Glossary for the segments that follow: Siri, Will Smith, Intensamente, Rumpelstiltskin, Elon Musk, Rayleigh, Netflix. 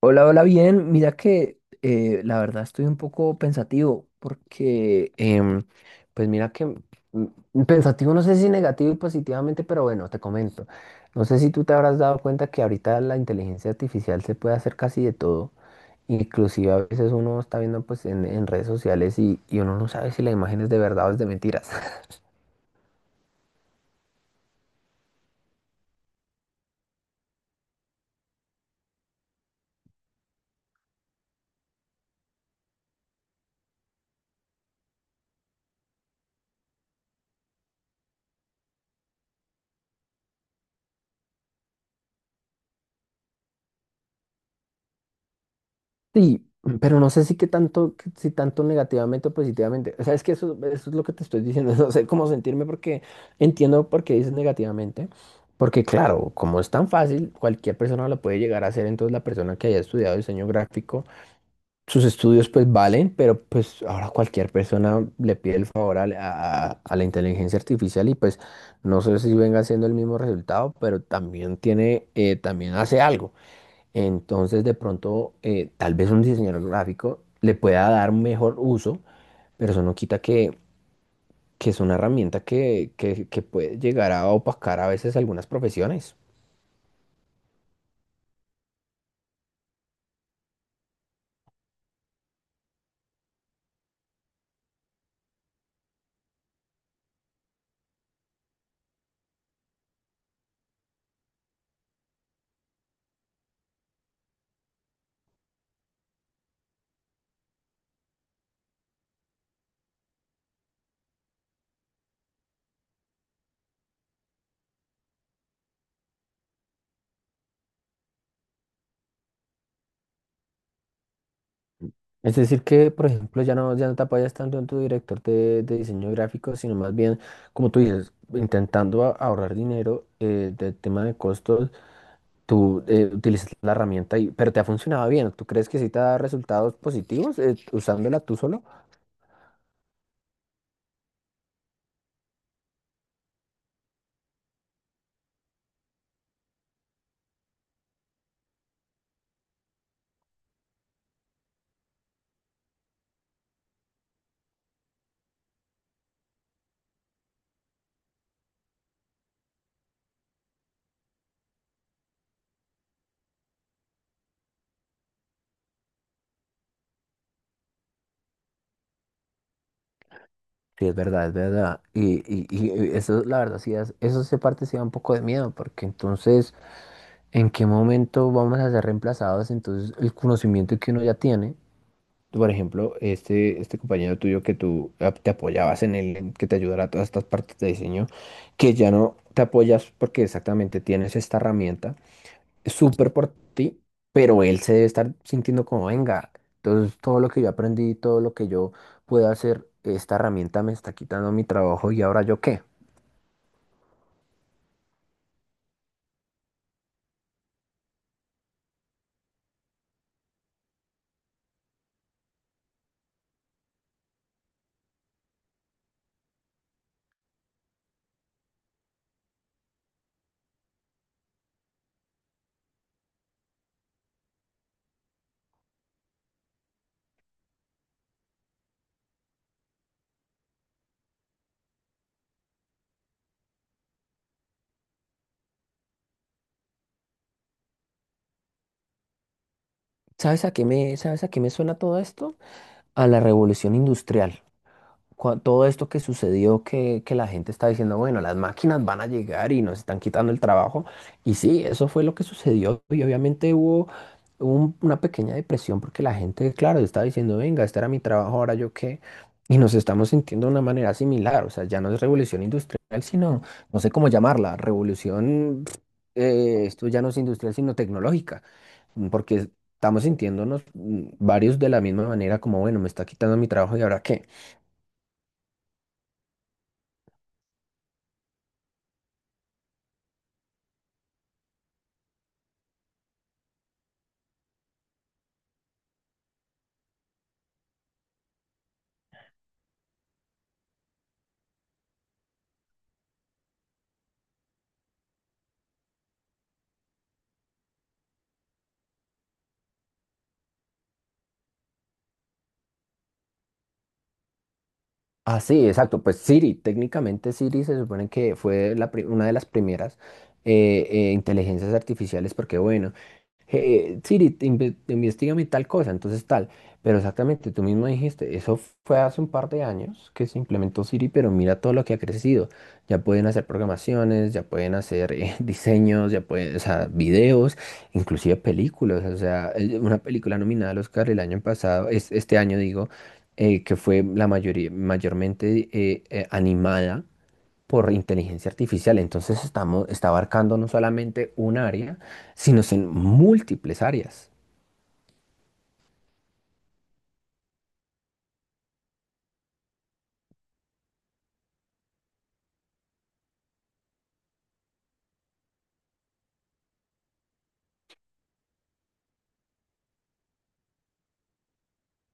Hola, hola, bien. Mira que la verdad estoy un poco pensativo porque, pues mira que pensativo no sé si negativo y positivamente, pero bueno, te comento. No sé si tú te habrás dado cuenta que ahorita la inteligencia artificial se puede hacer casi de todo. Inclusive a veces uno está viendo pues en redes sociales y uno no sabe si la imagen es de verdad o es de mentiras. Sí, pero no sé si que tanto, que si tanto negativamente o positivamente. O sea, es que eso es lo que te estoy diciendo. No sé cómo sentirme porque entiendo por qué dices negativamente. Porque claro, como es tan fácil, cualquier persona lo puede llegar a hacer. Entonces la persona que haya estudiado diseño gráfico, sus estudios pues valen, pero pues ahora cualquier persona le pide el favor a la inteligencia artificial y pues no sé si venga siendo el mismo resultado, pero también tiene, también hace algo. Entonces, de pronto, tal vez un diseñador gráfico le pueda dar mejor uso, pero eso no quita que es una herramienta que puede llegar a opacar a veces algunas profesiones. Es decir, que, por ejemplo, ya no te apoyas tanto en tu director de diseño gráfico, sino más bien, como tú dices, intentando ahorrar dinero del tema de costos, tú utilizas la herramienta, y, pero te ha funcionado bien. ¿Tú crees que sí te da resultados positivos usándola tú solo? Sí, es verdad, es verdad. Y eso, la verdad, sí, eso se parte sí da un poco de miedo, porque entonces, ¿en qué momento vamos a ser reemplazados? Entonces, el conocimiento que uno ya tiene, por ejemplo, este compañero tuyo que tú te apoyabas en él, en que te ayudara a todas estas partes de diseño, que ya no te apoyas porque exactamente tienes esta herramienta súper por ti, pero él se debe estar sintiendo como, venga, entonces todo lo que yo aprendí, todo lo que yo pude hacer, esta herramienta me está quitando mi trabajo y ahora yo qué. ¿Sabes a qué me, sabes a qué me suena todo esto? A la revolución industrial. Todo esto que sucedió, que la gente está diciendo, bueno, las máquinas van a llegar y nos están quitando el trabajo. Y sí, eso fue lo que sucedió. Y obviamente hubo una pequeña depresión porque la gente, claro, estaba diciendo, venga, este era mi trabajo, ahora yo qué. Y nos estamos sintiendo de una manera similar. O sea, ya no es revolución industrial, sino, no sé cómo llamarla, revolución, esto ya no es industrial, sino tecnológica. Porque estamos sintiéndonos, varios de la misma manera, como, bueno, me está quitando mi trabajo y ahora qué. Ah, sí, exacto. Pues Siri, técnicamente Siri se supone que fue una de las primeras inteligencias artificiales, porque bueno Siri, investígame tal cosa, entonces tal. Pero exactamente, tú mismo dijiste, eso fue hace un par de años que se implementó Siri, pero mira todo lo que ha crecido. Ya pueden hacer programaciones, ya pueden hacer diseños, ya pueden, o sea, videos, inclusive películas. O sea, una película nominada al Oscar el año pasado, es, este año digo, que fue la mayoría, mayormente animada por inteligencia artificial. Entonces estamos, está abarcando no solamente un área, sino en múltiples áreas.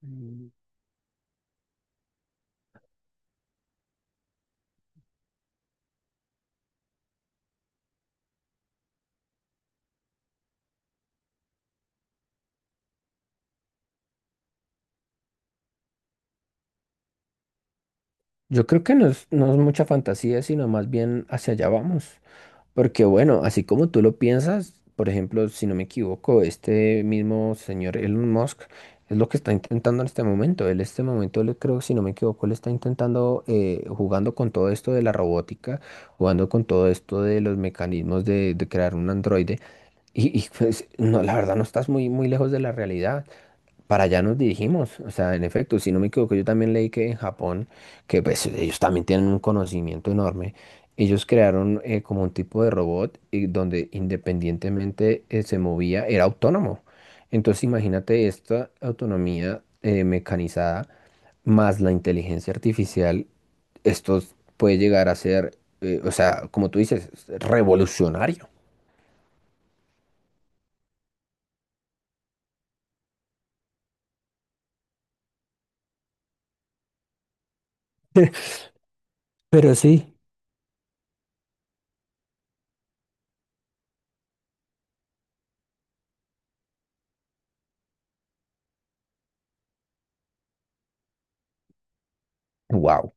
Mm. Yo creo que no es mucha fantasía, sino más bien hacia allá vamos. Porque bueno, así como tú lo piensas, por ejemplo, si no me equivoco, este mismo señor Elon Musk es lo que está intentando en este momento. Él en este momento, él creo, si no me equivoco, él está intentando jugando con todo esto de la robótica, jugando con todo esto de los mecanismos de crear un androide. Y, pues, no, la verdad no estás muy, muy lejos de la realidad. Para allá nos dirigimos. O sea, en efecto, si no me equivoco, yo también leí que en Japón, que pues ellos también tienen un conocimiento enorme, ellos crearon como un tipo de robot y donde independientemente se movía, era autónomo. Entonces imagínate esta autonomía mecanizada más la inteligencia artificial, esto puede llegar a ser, o sea, como tú dices, revolucionario. Pero sí, wow.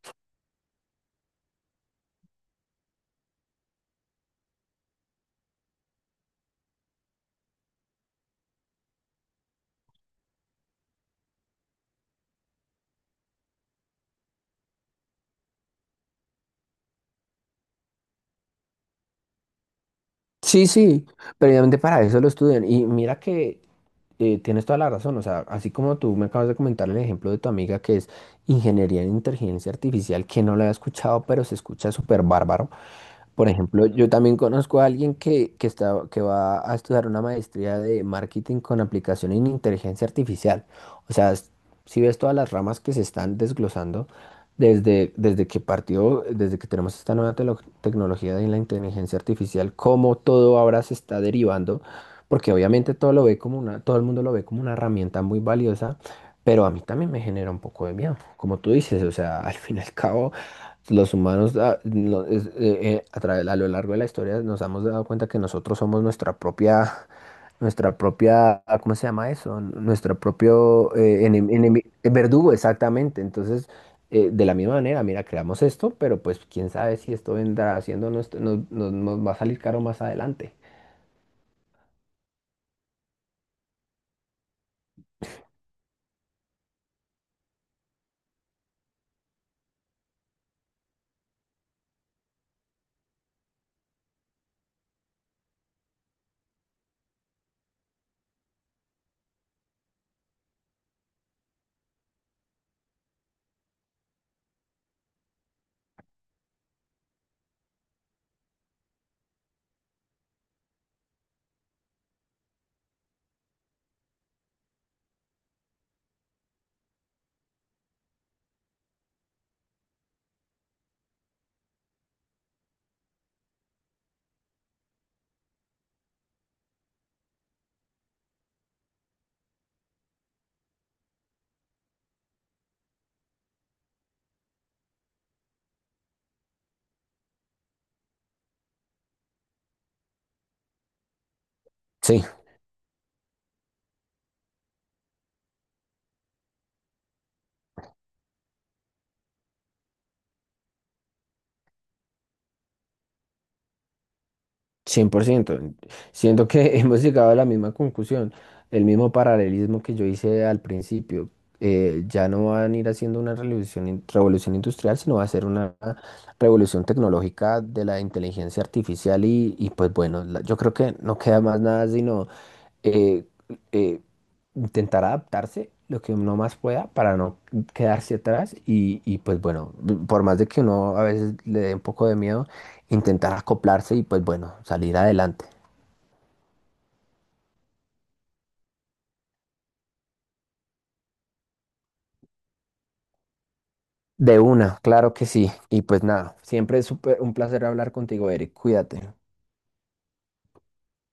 Sí, sí, precisamente para eso lo estudian. Y mira que tienes toda la razón. O sea, así como tú me acabas de comentar el ejemplo de tu amiga que es ingeniería en inteligencia artificial, que no la había escuchado, pero se escucha súper bárbaro. Por ejemplo, yo también conozco a alguien que va a estudiar una maestría de marketing con aplicación en inteligencia artificial. O sea, si ves todas las ramas que se están desglosando desde, desde que partió, desde que tenemos esta nueva tecnología de la inteligencia artificial, cómo todo ahora se está derivando, porque obviamente todo lo ve como una, todo el mundo lo ve como una herramienta muy valiosa, pero a mí también me genera un poco de miedo, como tú dices, o sea, al fin y al cabo. Los humanos, ah, no, a lo largo de la historia nos hemos dado cuenta que nosotros somos nuestra propia, ah, ¿cómo se llama eso? Nuestro propio verdugo, exactamente. Entonces, de la misma manera, mira, creamos esto, pero pues quién sabe si esto vendrá haciendo, nos va a salir caro más adelante. Sí, 100%. Siento que hemos llegado a la misma conclusión, el mismo paralelismo que yo hice al principio. Ya no van a ir haciendo una revolución industrial, sino va a ser una revolución tecnológica de la inteligencia artificial y pues bueno, yo creo que no queda más nada sino eh, eh, intentar adaptarse lo que uno más pueda para no quedarse atrás y, pues bueno, por más de que uno a veces le dé un poco de miedo, intentar acoplarse y pues bueno, salir adelante. De una, claro que sí. Y pues nada, siempre es súper un placer hablar contigo, Eric. Cuídate.